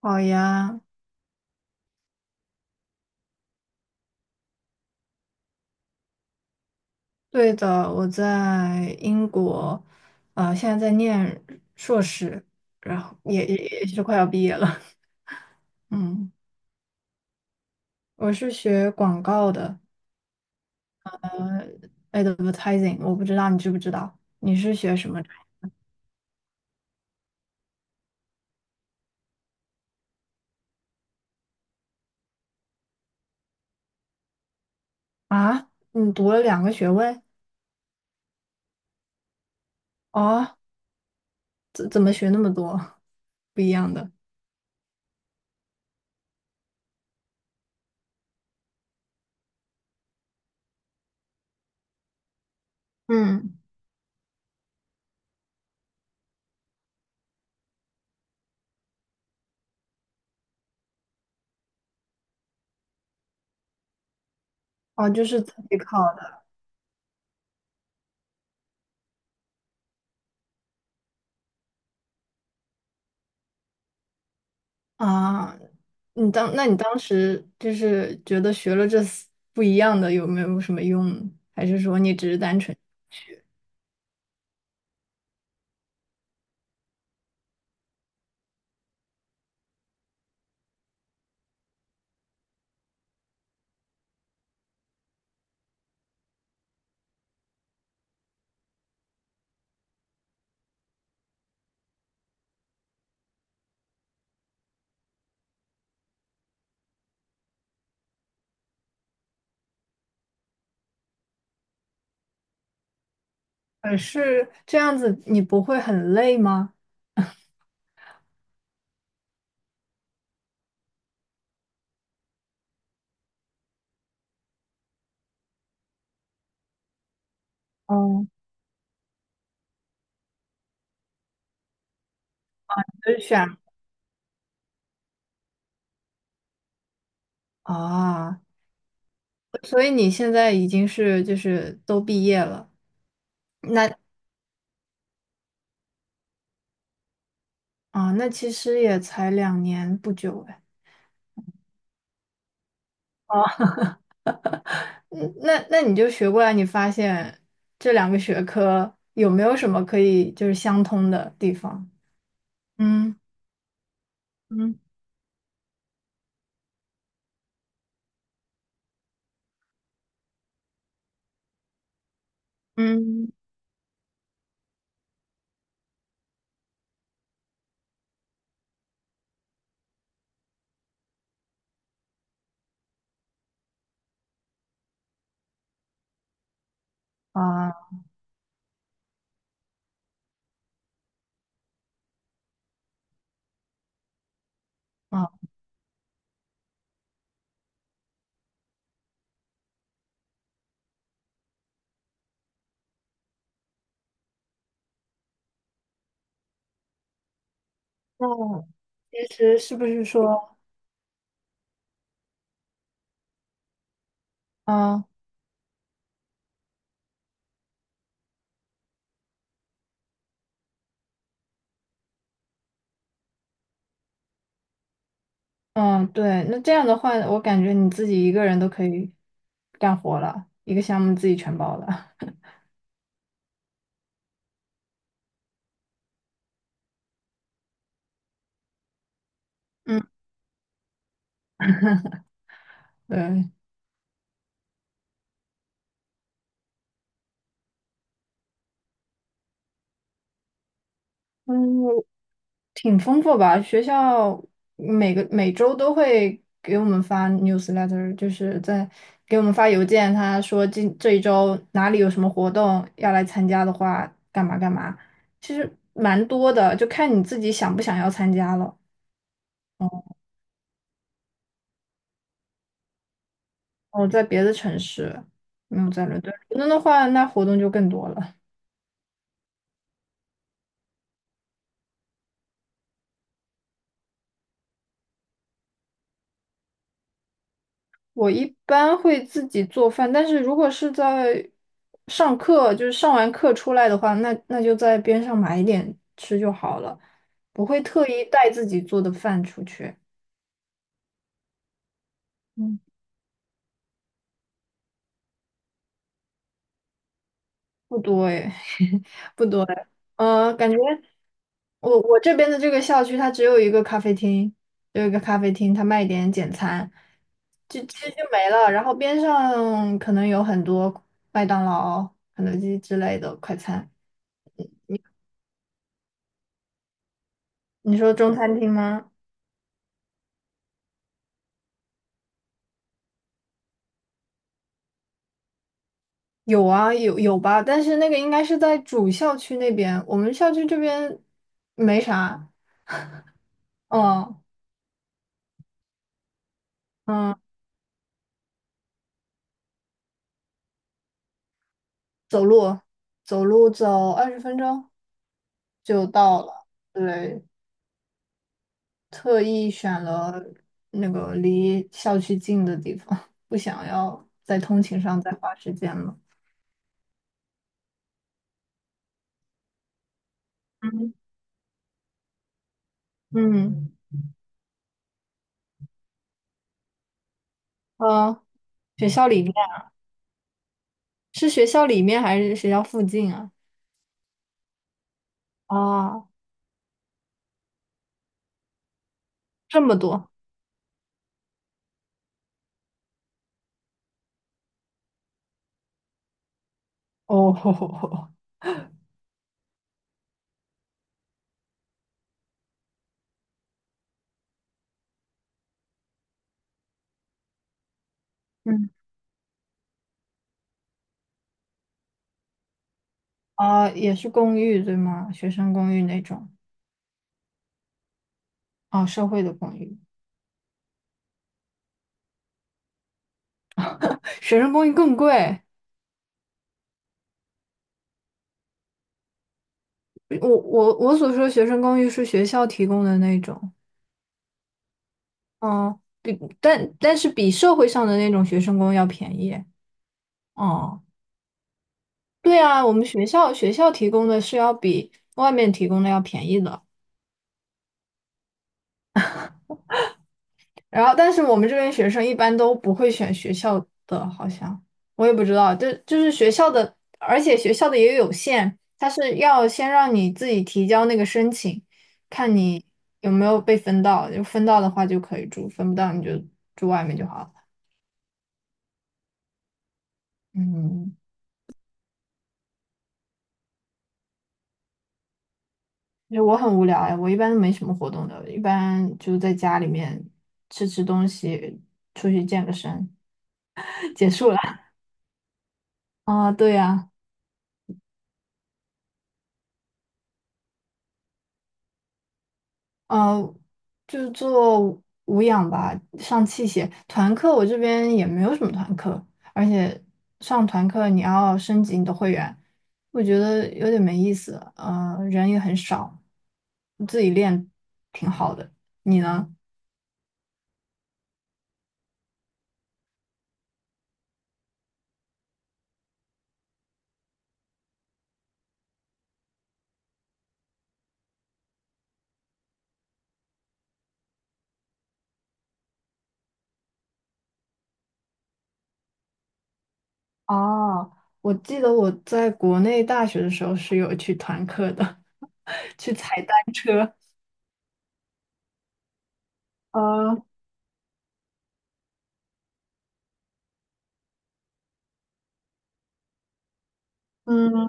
好呀。对的，我在英国，现在在念硕士，然后也是快要毕业了。嗯，我是学广告的，advertising,我不知道你知不知道，你是学什么专业啊？你读了2个学位？哦，怎么学那么多 不一样的？嗯。哦，就是自己考。的。啊，那你当时就是觉得学了这四不一样的有没有什么用，还是说你只是单纯学？而是这样子你不会很累吗？哦，就是选啊，所以你现在已经是就是都毕业了，那啊，那其实也才2年不久哎。哦，嗯，那你就学过来，你发现这两个学科有没有什么可以就是相通的地方？嗯。嗯。嗯啊。啊，那其实是不是说，嗯啊。嗯，对，那这样的话，我感觉你自己一个人都可以干活了，一个项目自己全包了。嗯。对。嗯，挺丰富吧？学校每周都会给我们发 newsletter,就是在给我们发邮件，他说今这一周哪里有什么活动要来参加的话，干嘛干嘛。其实蛮多的，就看你自己想不想要参加了。我在别的城市，没有在伦敦。伦敦的话，那活动就更多了。我一般会自己做饭，但是如果是在上课，就是上完课出来的话，那就在边上买一点吃就好了，不会特意带自己做的饭出去。嗯，不多哎，不多哎。感觉我这边的这个校区，它只有一个咖啡厅，只有一个咖啡厅，它卖一点简餐，就其实就没了。然后边上可能有很多麦当劳、肯德基之类的快餐。你说中餐厅吗？有啊，有吧，但是那个应该是在主校区那边，我们校区这边没啥。嗯。嗯，走路走路走20分钟就到了。对，特意选了那个离校区近的地方，不想要在通勤上再花时间了。嗯。嗯。呃，学校里面，是学校里面还是学校附近啊？啊，这么多。哦，嗯。啊，也是公寓对吗？学生公寓那种啊，社会的公寓，学生公寓更贵。我所说的学生公寓是学校提供的那种。嗯，但是比社会上的那种学生公寓要便宜。哦。对啊，我们学校提供的是要比外面提供的要便宜的，然后但是我们这边学生一般都不会选学校的，好像我也不知道，就是学校的，而且学校的也有限，它是要先让你自己提交那个申请，看你有没有被分到，就分到的话就可以住，分不到你就住外面就好了。嗯，就为我很无聊哎，我一般都没什么活动的，一般就在家里面吃吃东西，出去健个身。结束了 啊，对呀。呃，就做无氧吧，上器械。团课我这边也没有什么团课，而且上团课你要升级你的会员，我觉得有点没意思。人也很少，自己练挺好的。你呢？哦，我记得我在国内大学的时候是有去团课的，去踩单车。呃。嗯，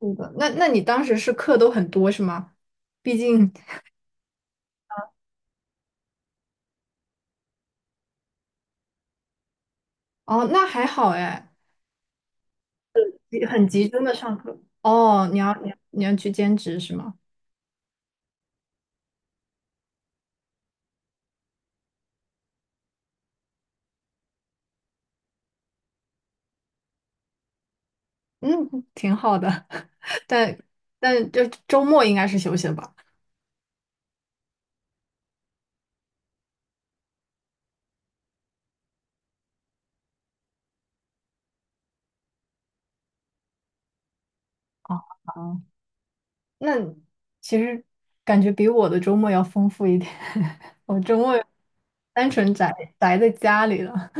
是的。那那你当时是课都很多是吗？毕竟哦，那还好哎。很集中的上课。哦，你要你要去兼职是吗？嗯，挺好的。但但就周末应该是休息的吧？哦，好。那其实感觉比我的周末要丰富一点，我周末单纯宅在家里了，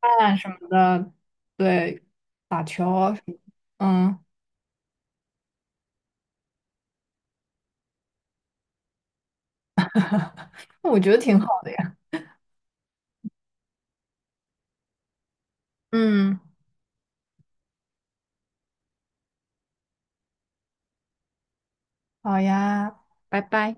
看什么的，对，打球啊什么。嗯，我觉得挺好的呀。嗯，好呀，拜拜。